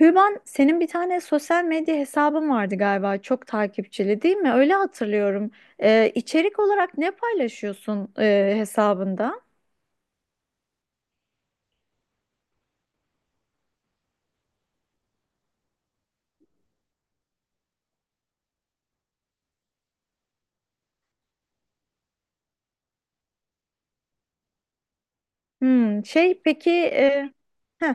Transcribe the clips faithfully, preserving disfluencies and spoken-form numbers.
Hüban, senin bir tane sosyal medya hesabın vardı galiba, çok takipçili değil mi? Öyle hatırlıyorum. Ee, içerik olarak ne paylaşıyorsun e, hesabında? Hmm, şey peki, e, heh,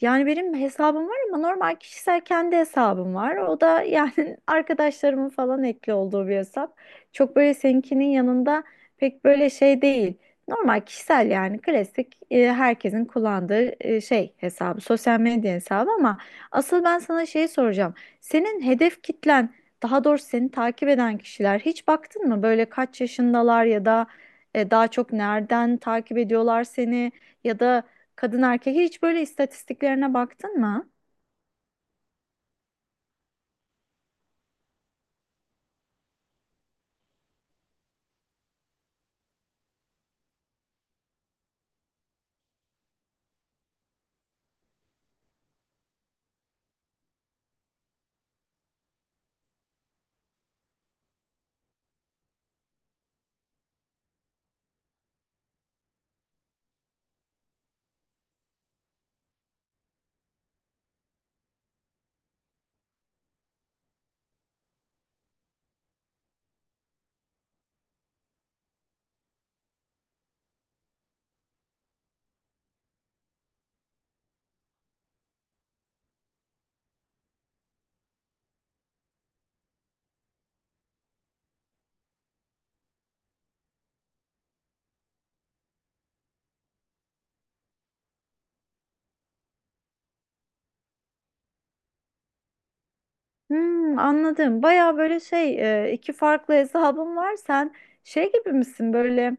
Yani benim hesabım var ama normal kişisel kendi hesabım var. O da yani arkadaşlarımın falan ekli olduğu bir hesap. Çok böyle seninkinin yanında pek böyle şey değil. Normal kişisel yani klasik e, herkesin kullandığı e, şey hesabı, sosyal medya hesabı ama asıl ben sana şeyi soracağım. Senin hedef kitlen, daha doğrusu seni takip eden kişiler hiç baktın mı? Böyle kaç yaşındalar ya da e, daha çok nereden takip ediyorlar seni? Ya da kadın erkek hiç böyle istatistiklerine baktın mı? Hmm, anladım. Baya böyle şey e, iki farklı hesabım var. Sen şey gibi misin böyle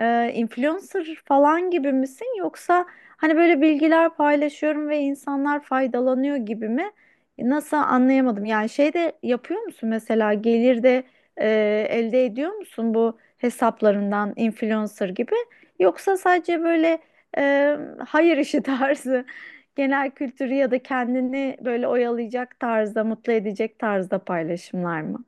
e, influencer falan gibi misin? Yoksa hani böyle bilgiler paylaşıyorum ve insanlar faydalanıyor gibi mi? Nasıl anlayamadım. Yani şey de yapıyor musun mesela gelir de e, elde ediyor musun bu hesaplarından influencer gibi? Yoksa sadece böyle e, hayır işi tarzı, genel kültürü ya da kendini böyle oyalayacak tarzda, mutlu edecek tarzda paylaşımlar mı?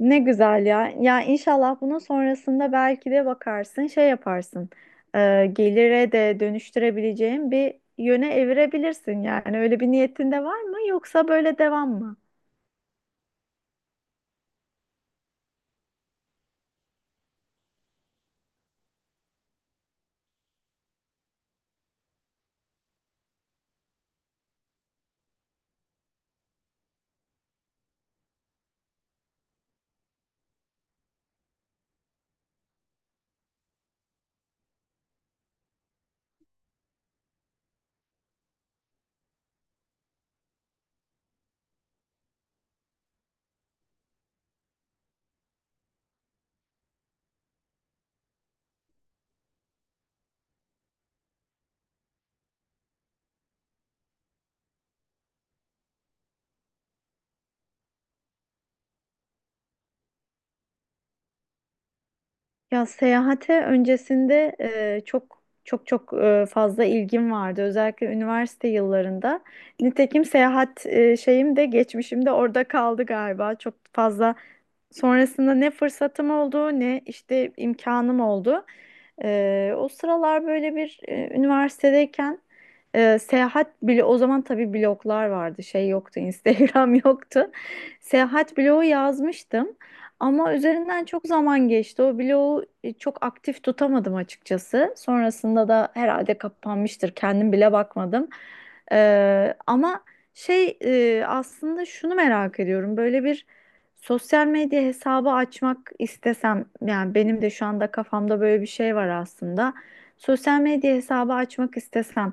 Ne güzel ya. Ya inşallah bunun sonrasında belki de bakarsın, şey yaparsın. e, Gelire de dönüştürebileceğin bir yöne evirebilirsin yani. Öyle bir niyetin de var mı yoksa böyle devam mı? Ya seyahate öncesinde e, çok çok çok e, fazla ilgim vardı. Özellikle üniversite yıllarında. Nitekim seyahat e, şeyim de geçmişim de orada kaldı galiba. Çok fazla sonrasında ne fırsatım oldu ne işte imkanım oldu. Ee, o sıralar böyle bir e, üniversitedeyken e, seyahat bile o zaman tabii bloglar vardı, şey yoktu Instagram yoktu. Seyahat blogu yazmıştım ama üzerinden çok zaman geçti. O blogu e, çok aktif tutamadım açıkçası. Sonrasında da herhalde kapanmıştır, kendim bile bakmadım. Ee, ama şey e, aslında şunu merak ediyorum, böyle bir sosyal medya hesabı açmak istesem, yani benim de şu anda kafamda böyle bir şey var aslında. Sosyal medya hesabı açmak istesem,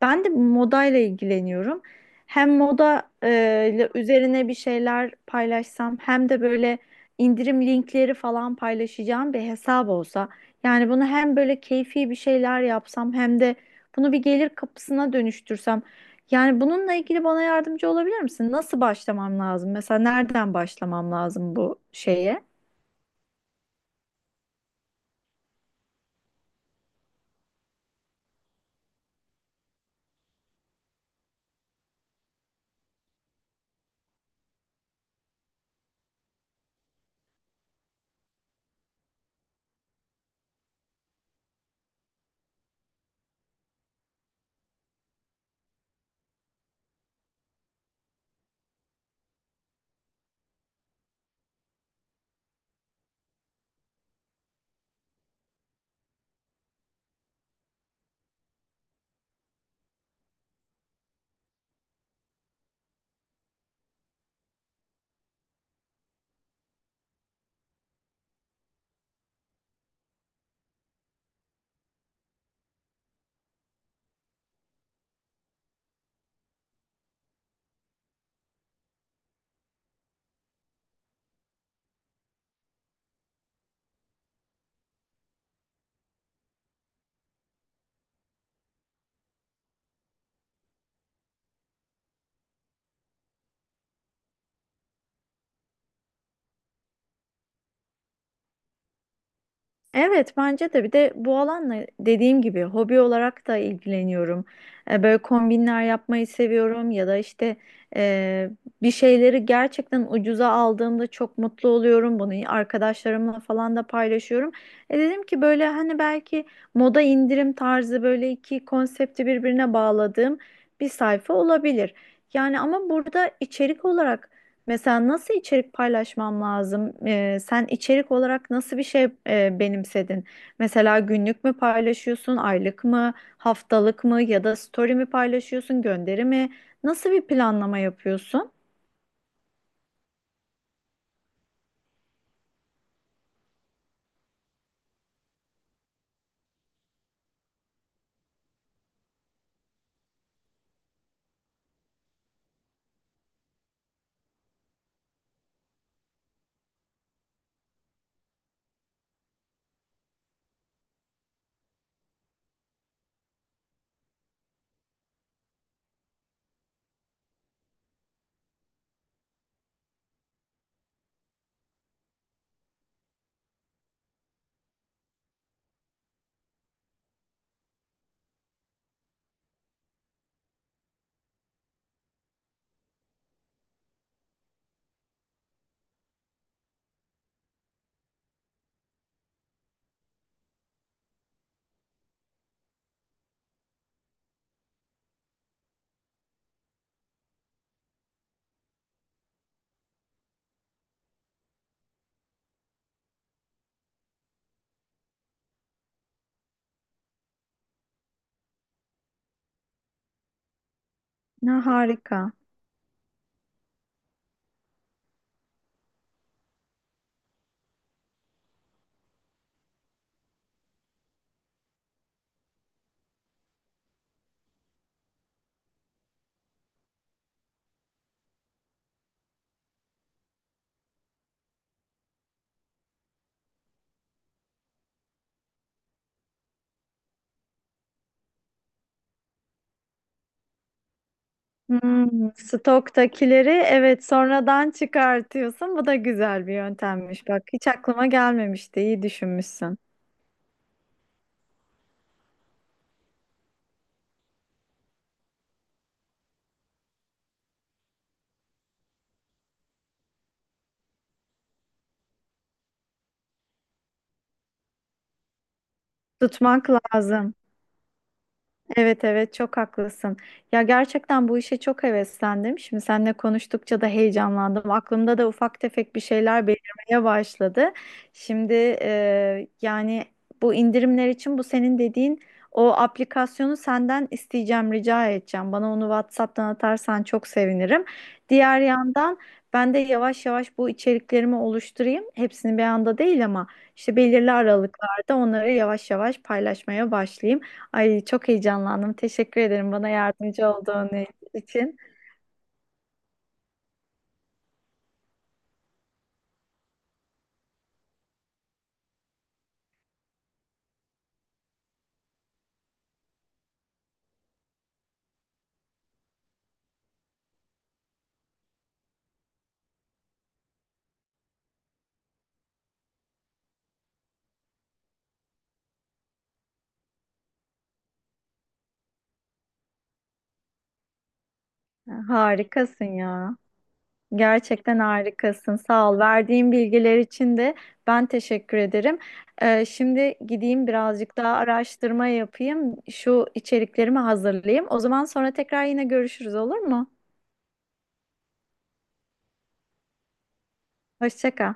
ben de modayla ilgileniyorum. Hem moda e, ile üzerine bir şeyler paylaşsam hem de böyle indirim linkleri falan paylaşacağım bir hesap olsa. Yani bunu hem böyle keyfi bir şeyler yapsam hem de bunu bir gelir kapısına dönüştürsem, yani bununla ilgili bana yardımcı olabilir misin? Nasıl başlamam lazım? Mesela nereden başlamam lazım bu şeye? Evet, bence de. Bir de bu alanla, dediğim gibi, hobi olarak da ilgileniyorum. E, Böyle kombinler yapmayı seviyorum ya da işte e, bir şeyleri gerçekten ucuza aldığımda çok mutlu oluyorum. Bunu arkadaşlarımla falan da paylaşıyorum. E dedim ki böyle hani belki moda indirim tarzı böyle iki konsepti birbirine bağladığım bir sayfa olabilir. Yani ama burada içerik olarak, mesela nasıl içerik paylaşmam lazım? Ee, sen içerik olarak nasıl bir şey e, benimsedin? Mesela günlük mü paylaşıyorsun, aylık mı, haftalık mı ya da story mi paylaşıyorsun, gönderi mi? Nasıl bir planlama yapıyorsun? Ne harika. Hmm, stoktakileri evet sonradan çıkartıyorsun. Bu da güzel bir yöntemmiş. Bak hiç aklıma gelmemişti. İyi düşünmüşsün. Tutmak lazım. Evet evet çok haklısın. Ya gerçekten bu işe çok heveslendim. Şimdi seninle konuştukça da heyecanlandım. Aklımda da ufak tefek bir şeyler belirmeye başladı. Şimdi e, yani bu indirimler için bu senin dediğin o aplikasyonu senden isteyeceğim, rica edeceğim. Bana onu WhatsApp'tan atarsan çok sevinirim. Diğer yandan ben de yavaş yavaş bu içeriklerimi oluşturayım. Hepsini bir anda değil ama işte belirli aralıklarda onları yavaş yavaş paylaşmaya başlayayım. Ay çok heyecanlandım. Teşekkür ederim bana yardımcı olduğun için. Harikasın ya. Gerçekten harikasın. Sağ ol. Verdiğin bilgiler için de ben teşekkür ederim. Ee, şimdi gideyim birazcık daha araştırma yapayım. Şu içeriklerimi hazırlayayım. O zaman sonra tekrar yine görüşürüz, olur mu? Hoşça kal.